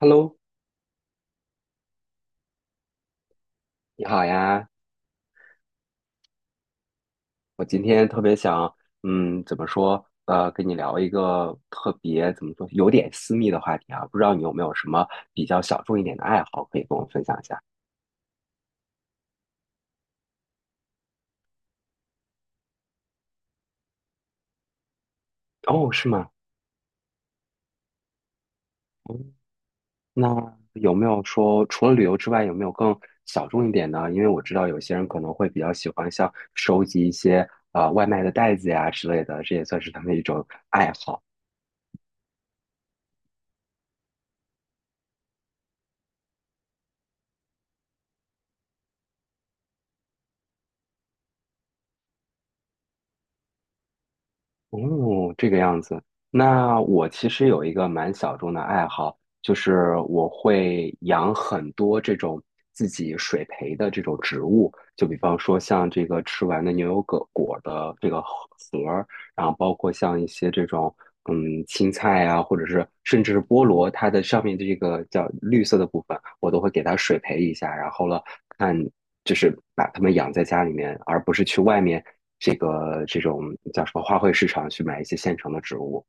Hello，你好呀！我今天特别想，怎么说？跟你聊一个特别怎么说，有点私密的话题啊。不知道你有没有什么比较小众一点的爱好可以跟我分享一下？哦，是吗？哦，那有没有说除了旅游之外，有没有更小众一点呢？因为我知道有些人可能会比较喜欢像收集一些外卖的袋子呀之类的，这也算是他们一种爱好。哦，这个样子。那我其实有一个蛮小众的爱好，就是我会养很多这种自己水培的这种植物，就比方说像这个吃完的牛油果果的这个核儿，然后包括像一些这种青菜啊，或者是甚至是菠萝，它的上面的这个叫绿色的部分，我都会给它水培一下，然后了看。就是把它们养在家里面，而不是去外面这个这种叫什么花卉市场去买一些现成的植物。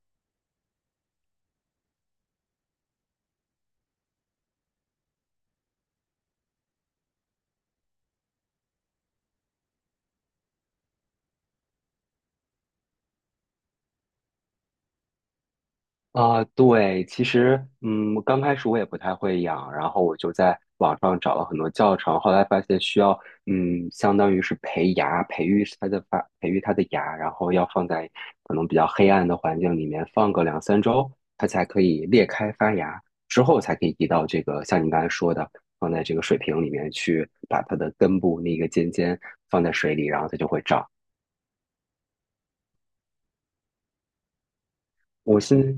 啊，对，其实，刚开始我也不太会养，然后我就在网上找了很多教程，后来发现需要，相当于是培芽，培育它的芽，然后要放在可能比较黑暗的环境里面放个2、3周，它才可以裂开发芽，之后才可以移到这个像你刚才说的，放在这个水瓶里面去，把它的根部那个尖尖放在水里，然后它就会长。我是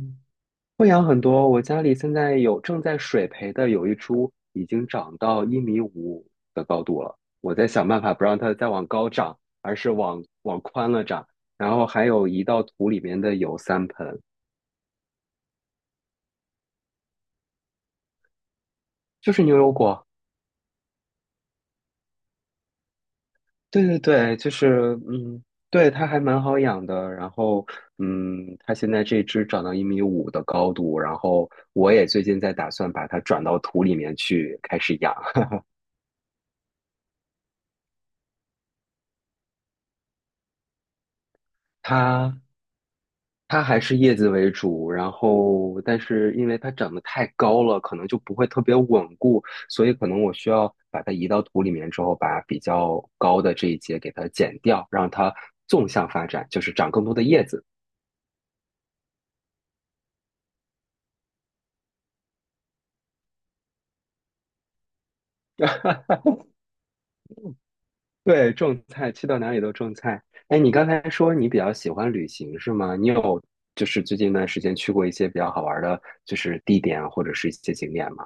会养很多，我家里现在有正在水培的有一株已经长到一米五的高度了，我在想办法不让它再往高长，而是往宽了长。然后还有移到土里面的有3盆，就是牛油果。对对对，就是对，它还蛮好养的。然后它现在这只长到一米五的高度，然后我也最近在打算把它转到土里面去开始养。它它还是叶子为主，然后但是因为它长得太高了，可能就不会特别稳固，所以可能我需要把它移到土里面之后，把比较高的这一节给它剪掉，让它纵向发展，就是长更多的叶子。对，种菜，去到哪里都种菜。哎，你刚才说你比较喜欢旅行是吗？就是最近一段时间去过一些比较好玩的，就是地点啊或者是一些景点吗？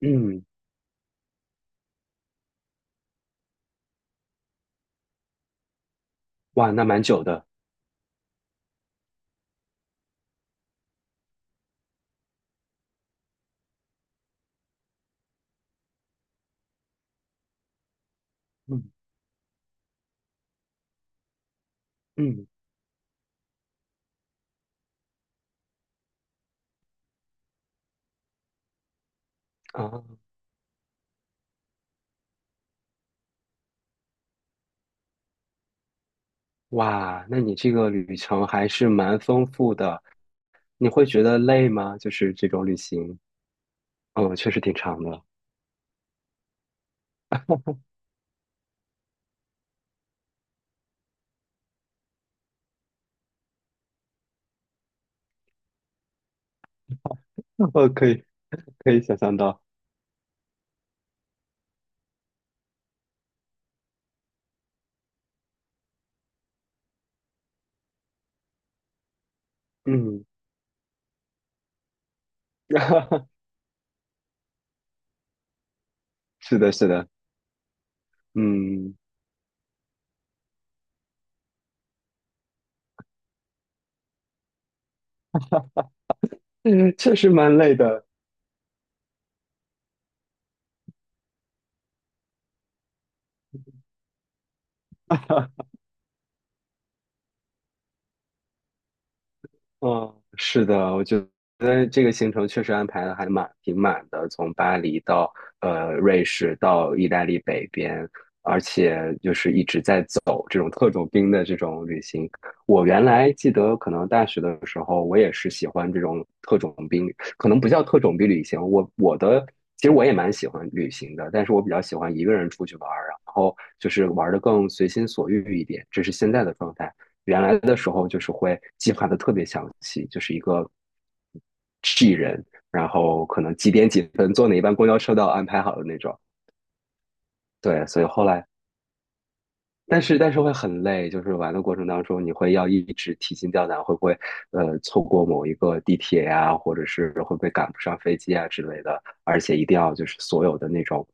嗯，哇，那蛮久的。嗯嗯啊。哇，那你这个旅程还是蛮丰富的，你会觉得累吗？就是这种旅行，嗯，确实挺长的。呃，可以可以想象到，嗯，是的，是的，嗯，嗯，确实蛮累的。嗯，是的，我觉得这个行程确实安排的还蛮挺满的，从巴黎到瑞士到意大利北边，而且就是一直在走这种特种兵的这种旅行。我原来记得，可能大学的时候，我也是喜欢这种特种兵，可能不叫特种兵旅行。我我的其实我也蛮喜欢旅行的，但是我比较喜欢一个人出去玩儿，然后就是玩的更随心所欲一点，这是现在的状态。原来的时候就是会计划的特别详细，就是一个 G 人，然后可能几点几分坐哪一班公交车都要安排好的那种。对，所以后来，但是会很累，就是玩的过程当中，你会要一直提心吊胆，会不会错过某一个地铁呀、或者是会不会赶不上飞机啊之类的，而且一定要就是所有的那种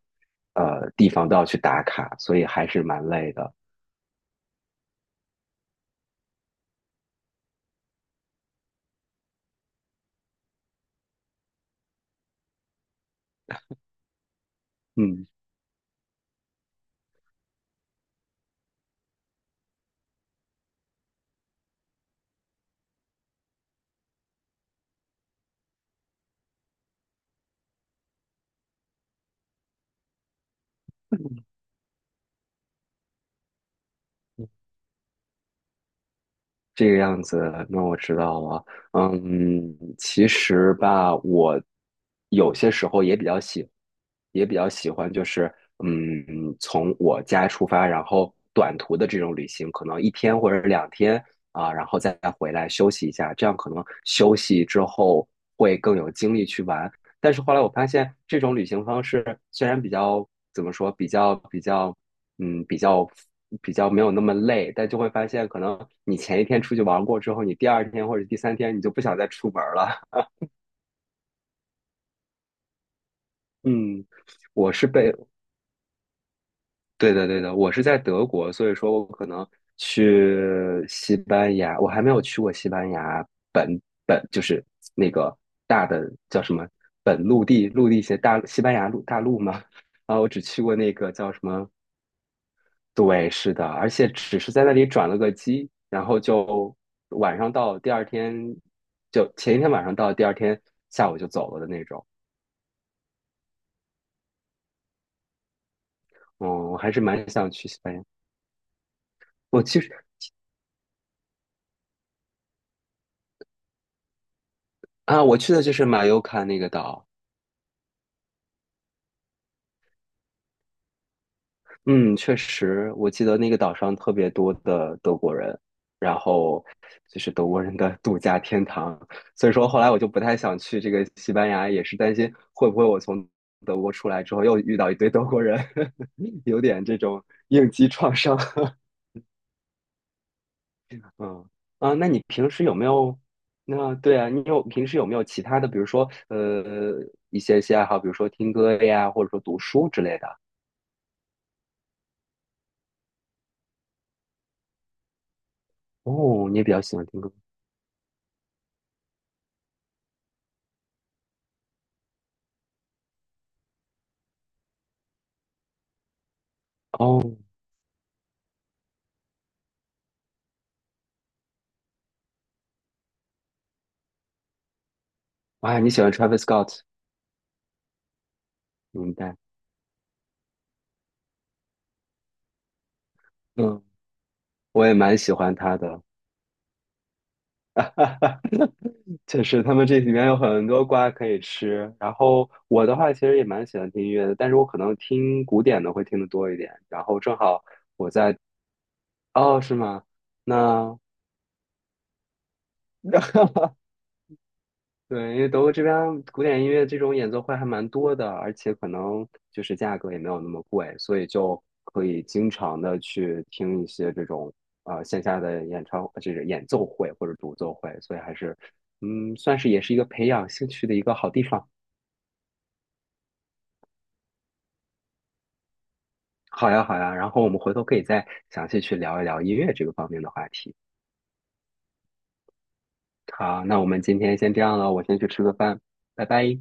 地方都要去打卡，所以还是蛮累的。嗯。这个样子，那我知道了。嗯，其实吧，我有些时候也比较喜欢，就是嗯，从我家出发，然后短途的这种旅行，可能一天或者2天啊，然后再回来休息一下，这样可能休息之后会更有精力去玩。但是后来我发现，这种旅行方式虽然比较怎么说，比较比较，嗯，比较比较没有那么累，但就会发现，可能你前一天出去玩过之后，你第二天或者第三天你就不想再出门了。嗯，我是被，对的对的，我是在德国，所以说我可能去西班牙，我还没有去过西班牙本就是那个大的叫什么本陆地些大西班牙陆大陆嘛。啊，我只去过那个叫什么对，是的，而且只是在那里转了个机，然后就晚上到，第二天就前一天晚上到，第二天下午就走了的那种。嗯，我还是蛮想去西班牙。我其实啊，我去的就是马尤卡那个岛，嗯，确实，我记得那个岛上特别多的德国人，然后就是德国人的 度假天堂，所以说后来我就不太想去这个西班牙，也是担心会不会我从德国出来之后又遇到一堆德国人，有点这种应激创伤。嗯啊，那你平时有没有？那对啊，平时有没有其他的，比如说一些爱好，比如说听歌呀，或者说读书之类的？哦，你也比较喜欢听歌。哦哇，你喜欢 Travis Scott，明白？嗯，我也蛮喜欢他的。确实，他们这里面有很多瓜可以吃。然后我的话，其实也蛮喜欢听音乐的，但是我可能听古典的会听得多一点。然后正好我在，哦，是吗？那 对，因为德国这边古典音乐这种演奏会还蛮多的，而且可能就是价格也没有那么贵，所以就可以经常的去听一些这种线下的演唱，就是演奏会或者独奏会，所以还是算是也是一个培养兴趣的一个好地方。好呀，好呀，然后我们回头可以再详细去聊一聊音乐这个方面的话题。好，那我们今天先这样了，我先去吃个饭，拜拜。